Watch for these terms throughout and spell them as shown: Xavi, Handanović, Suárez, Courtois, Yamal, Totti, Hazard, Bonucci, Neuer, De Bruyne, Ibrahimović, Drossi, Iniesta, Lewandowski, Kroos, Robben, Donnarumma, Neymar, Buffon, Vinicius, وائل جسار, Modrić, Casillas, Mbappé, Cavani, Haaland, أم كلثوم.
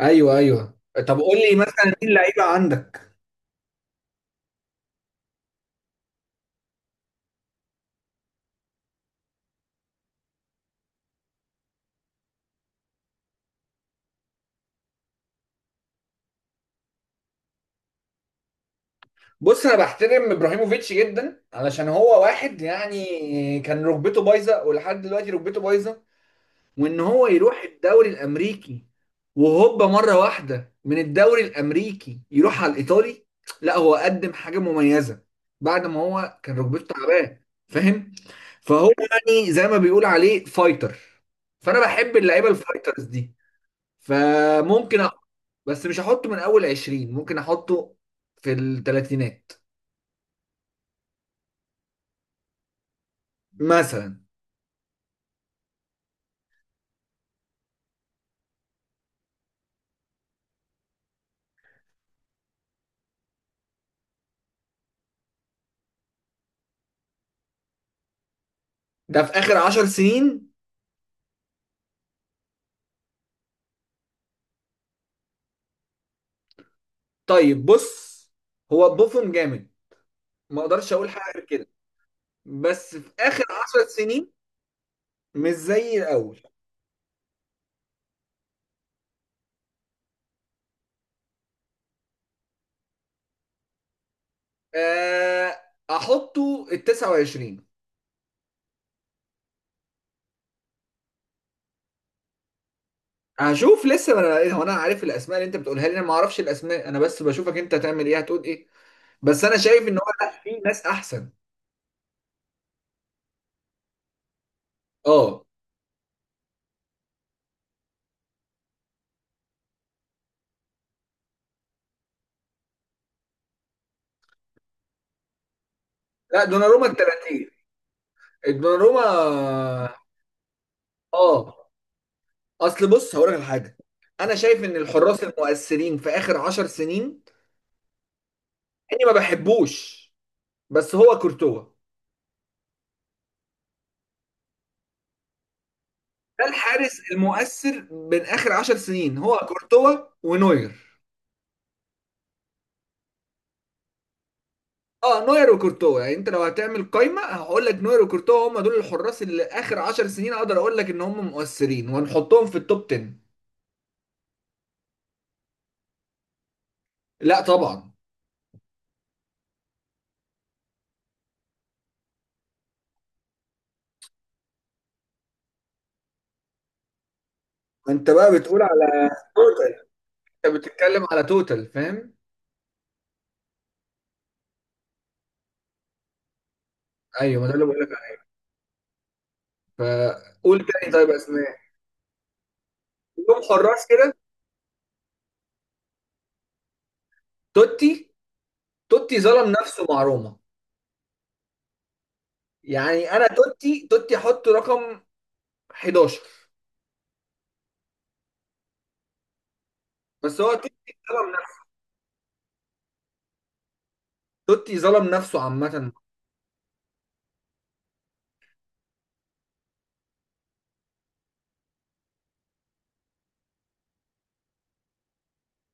ايوه، ايوه. طب قول لي مثلا مين اللعيبه عندك؟ بص، انا بحترم ابراهيموفيتش جدا علشان هو واحد يعني كان ركبته بايظه، ولحد دلوقتي ركبته بايظه، وان هو يروح الدوري الامريكي وهوبا مره واحده من الدوري الامريكي يروح على الايطالي. لا، هو قدم حاجه مميزه بعد ما هو كان ركبته تعبان. فاهم. فهو يعني زي ما بيقول عليه فايتر، فانا بحب اللعيبه الفايترز دي. فممكن بس مش هحطه من اول 20، ممكن احطه في الثلاثينات مثلا. ده في اخر 10 سنين. طيب بص، هو بوفون جامد، ما اقدرش اقول حاجه غير كده. بس في اخر 10 سنين مش زي الاول. آه، احطه ال 29. هشوف، لسه ما انا هو انا عارف الاسماء اللي انت بتقولها لي؟ انا ما اعرفش الاسماء، انا بس بشوفك انت هتعمل ايه، هتقول ايه. بس انا شايف ان هو لا، في ناس احسن. اه. لا، دوناروما ال 30. دوناروما. اه. اصل بص هقول لك على حاجه، انا شايف ان الحراس المؤثرين في اخر 10 سنين اني ما بحبوش. بس هو كورتوا. ده الحارس المؤثر من اخر 10 سنين هو كورتوا ونوير. اه، نوير وكورتوا، يعني انت لو هتعمل قايمه هقول لك نوير وكورتوا هم دول الحراس اللي اخر 10 سنين اقدر اقول لك ان هم مؤثرين وهنحطهم في التوب 10. لا طبعا. انت بقى بتقول على توتال. انت بتتكلم على توتال، فاهم. ايوه، ما ده اللي بقول. فقول تاني، طيب، اسماء يوم حراس كده. توتي. توتي ظلم نفسه مع روما. يعني انا توتي توتي حطه رقم 11. بس هو توتي ظلم نفسه. توتي ظلم نفسه عامة.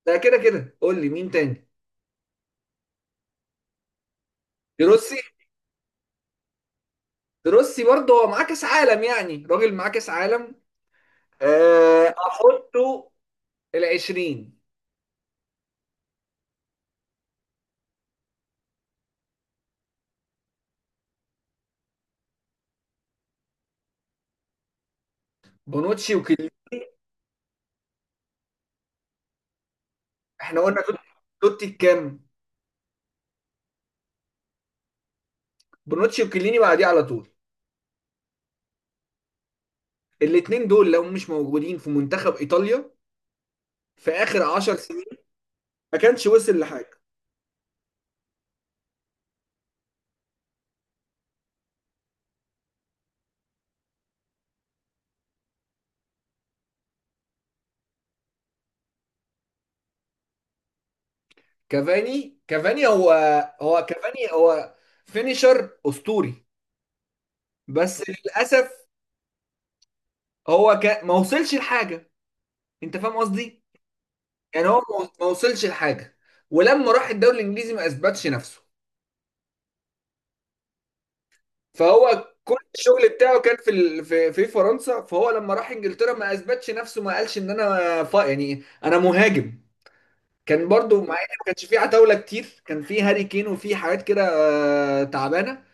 ده كده كده، قول لي مين تاني. دروسي. دروسي برضه هو معاه كاس عالم، يعني راجل معاه كاس عالم. أه، احطه ال 20. بونوتشي وكليني. احنا قلنا توتي. توتي كام؟ بونوتشي وكليني بعديه على طول. الاتنين دول لو مش موجودين في منتخب ايطاليا في اخر 10 ما كانش وصل لحاجه. كافاني كافاني هو كافاني هو فينيشر اسطوري. بس للاسف هو ما وصلش لحاجه. انت فاهم قصدي. يعني هو ما وصلش لحاجه. ولما راح الدوري الانجليزي ما اثبتش نفسه. فهو كل الشغل بتاعه كان في ال... في في فرنسا. فهو لما راح انجلترا ما اثبتش نفسه، ما قالش ان انا يعني انا مهاجم. كان برضو، مع ان ما كانش فيه عتاوله كتير، كان فيه هاري كين وفيه حاجات كده تعبانه.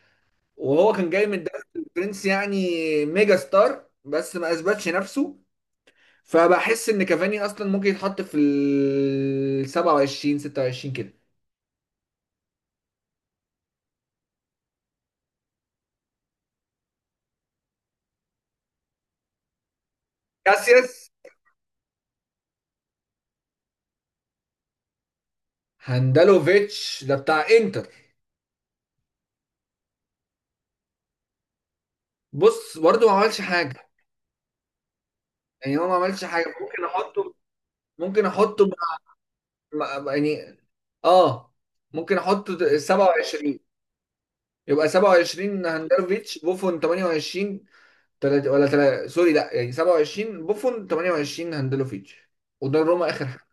وهو كان جاي من دوري البرنس يعني، ميجا ستار، بس ما اثبتش نفسه. فبحس ان كافاني اصلا ممكن يتحط في ال 27 26 كده. كاسياس. هاندالوفيتش ده بتاع انتر. بص برضه ما عملش حاجه. يعني هو ما عملش حاجه. ممكن احطه يعني، اه، ممكن احطه 27. يبقى 27 هاندالوفيتش، بوفون 28. تلاتة ولا تلاتة سوري، لا يعني 27 بوفون 28 هاندلوفيتش، قدام روما اخر حاجه.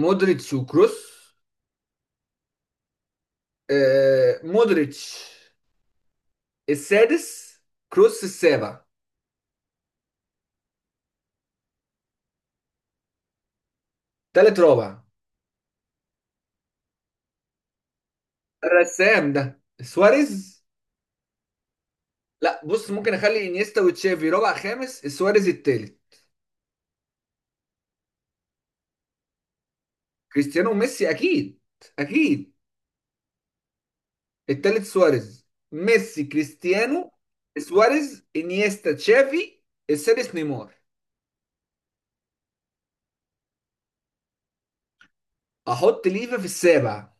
مودريتش وكروس. مودريتش السادس، كروس السابع. تالت رابع. الرسام ده سواريز. لا بص، ممكن اخلي انيستا وتشافي رابع خامس، سواريز التالت. كريستيانو وميسي اكيد، اكيد. التالت سواريز، ميسي كريستيانو. سواريز انيستا تشافي. السادس نيمار. احط ليفا في السابع.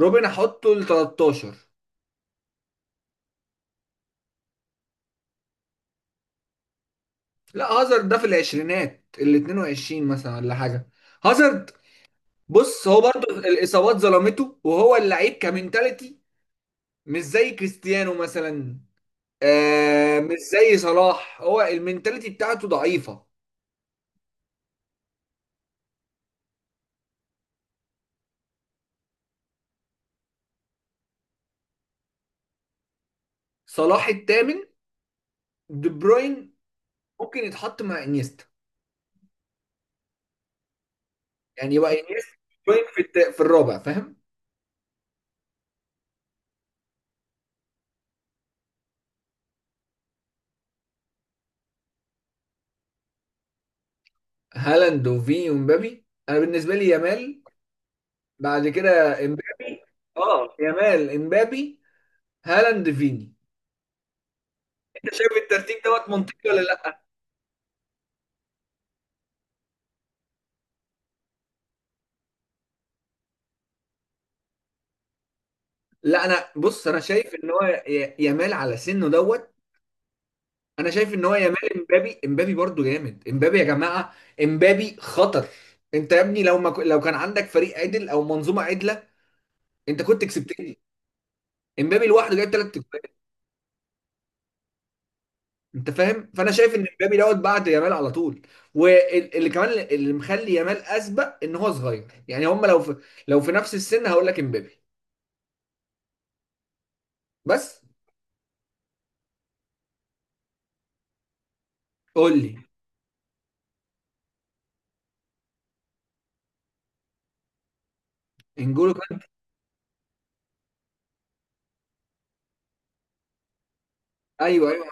روبن احطه ل 13. لا هازارد ده في العشرينات، ال 22 مثلا ولا حاجه. هازارد، بص هو برضه الاصابات ظلمته وهو اللعيب كمنتاليتي مش زي كريستيانو مثلا، مش زي صلاح، هو المنتاليتي بتاعته ضعيفه. صلاح الثامن. دي بروين ممكن يتحط مع انيستا، يعني يبقى انيستا دي بروين في الرابع، فاهم. هالاند وفيني ومبابي، انا بالنسبه لي يامال، بعد كده امبابي. اه، يامال، امبابي، هالاند، فيني. انت شايف الترتيب دوت منطقي ولا لا؟ لا انا بص، انا شايف ان هو يامال على سنه دوت. انا شايف ان هو يامال امبابي، امبابي برضو جامد، امبابي يا جماعه. امبابي خطر. انت يا ابني لو ما ك... لو كان عندك فريق عدل او منظومه عدله، انت كنت كسبتني. امبابي لوحده جايب ثلاث اجوان. انت فاهم، فانا شايف ان امبابي دوت بعد يامال على طول. واللي كمان اللي مخلي يامال اسبق ان هو صغير، يعني هم لو في نفس السن هقول لك امبابي. بس قول لي. انجولو كان. ايوه، ايوه.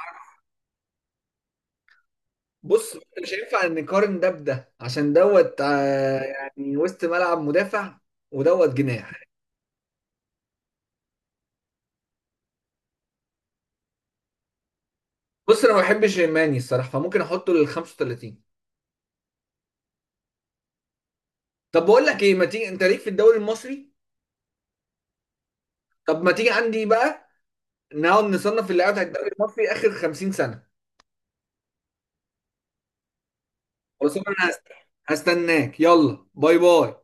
بص مش هينفع نقارن ده بده عشان دوت، يعني وسط ملعب مدافع ودوت جناح. بص انا ما بحبش ماني الصراحه، فممكن احطه لل 35. طب بقول لك ايه، ما تيجي انت ليك في الدوري المصري. طب ما تيجي عندي بقى نقعد نصنف اللعيبه بتاعت الدوري المصري اخر 50 سنه. خلاص، انا هستناك، يلا باي باي.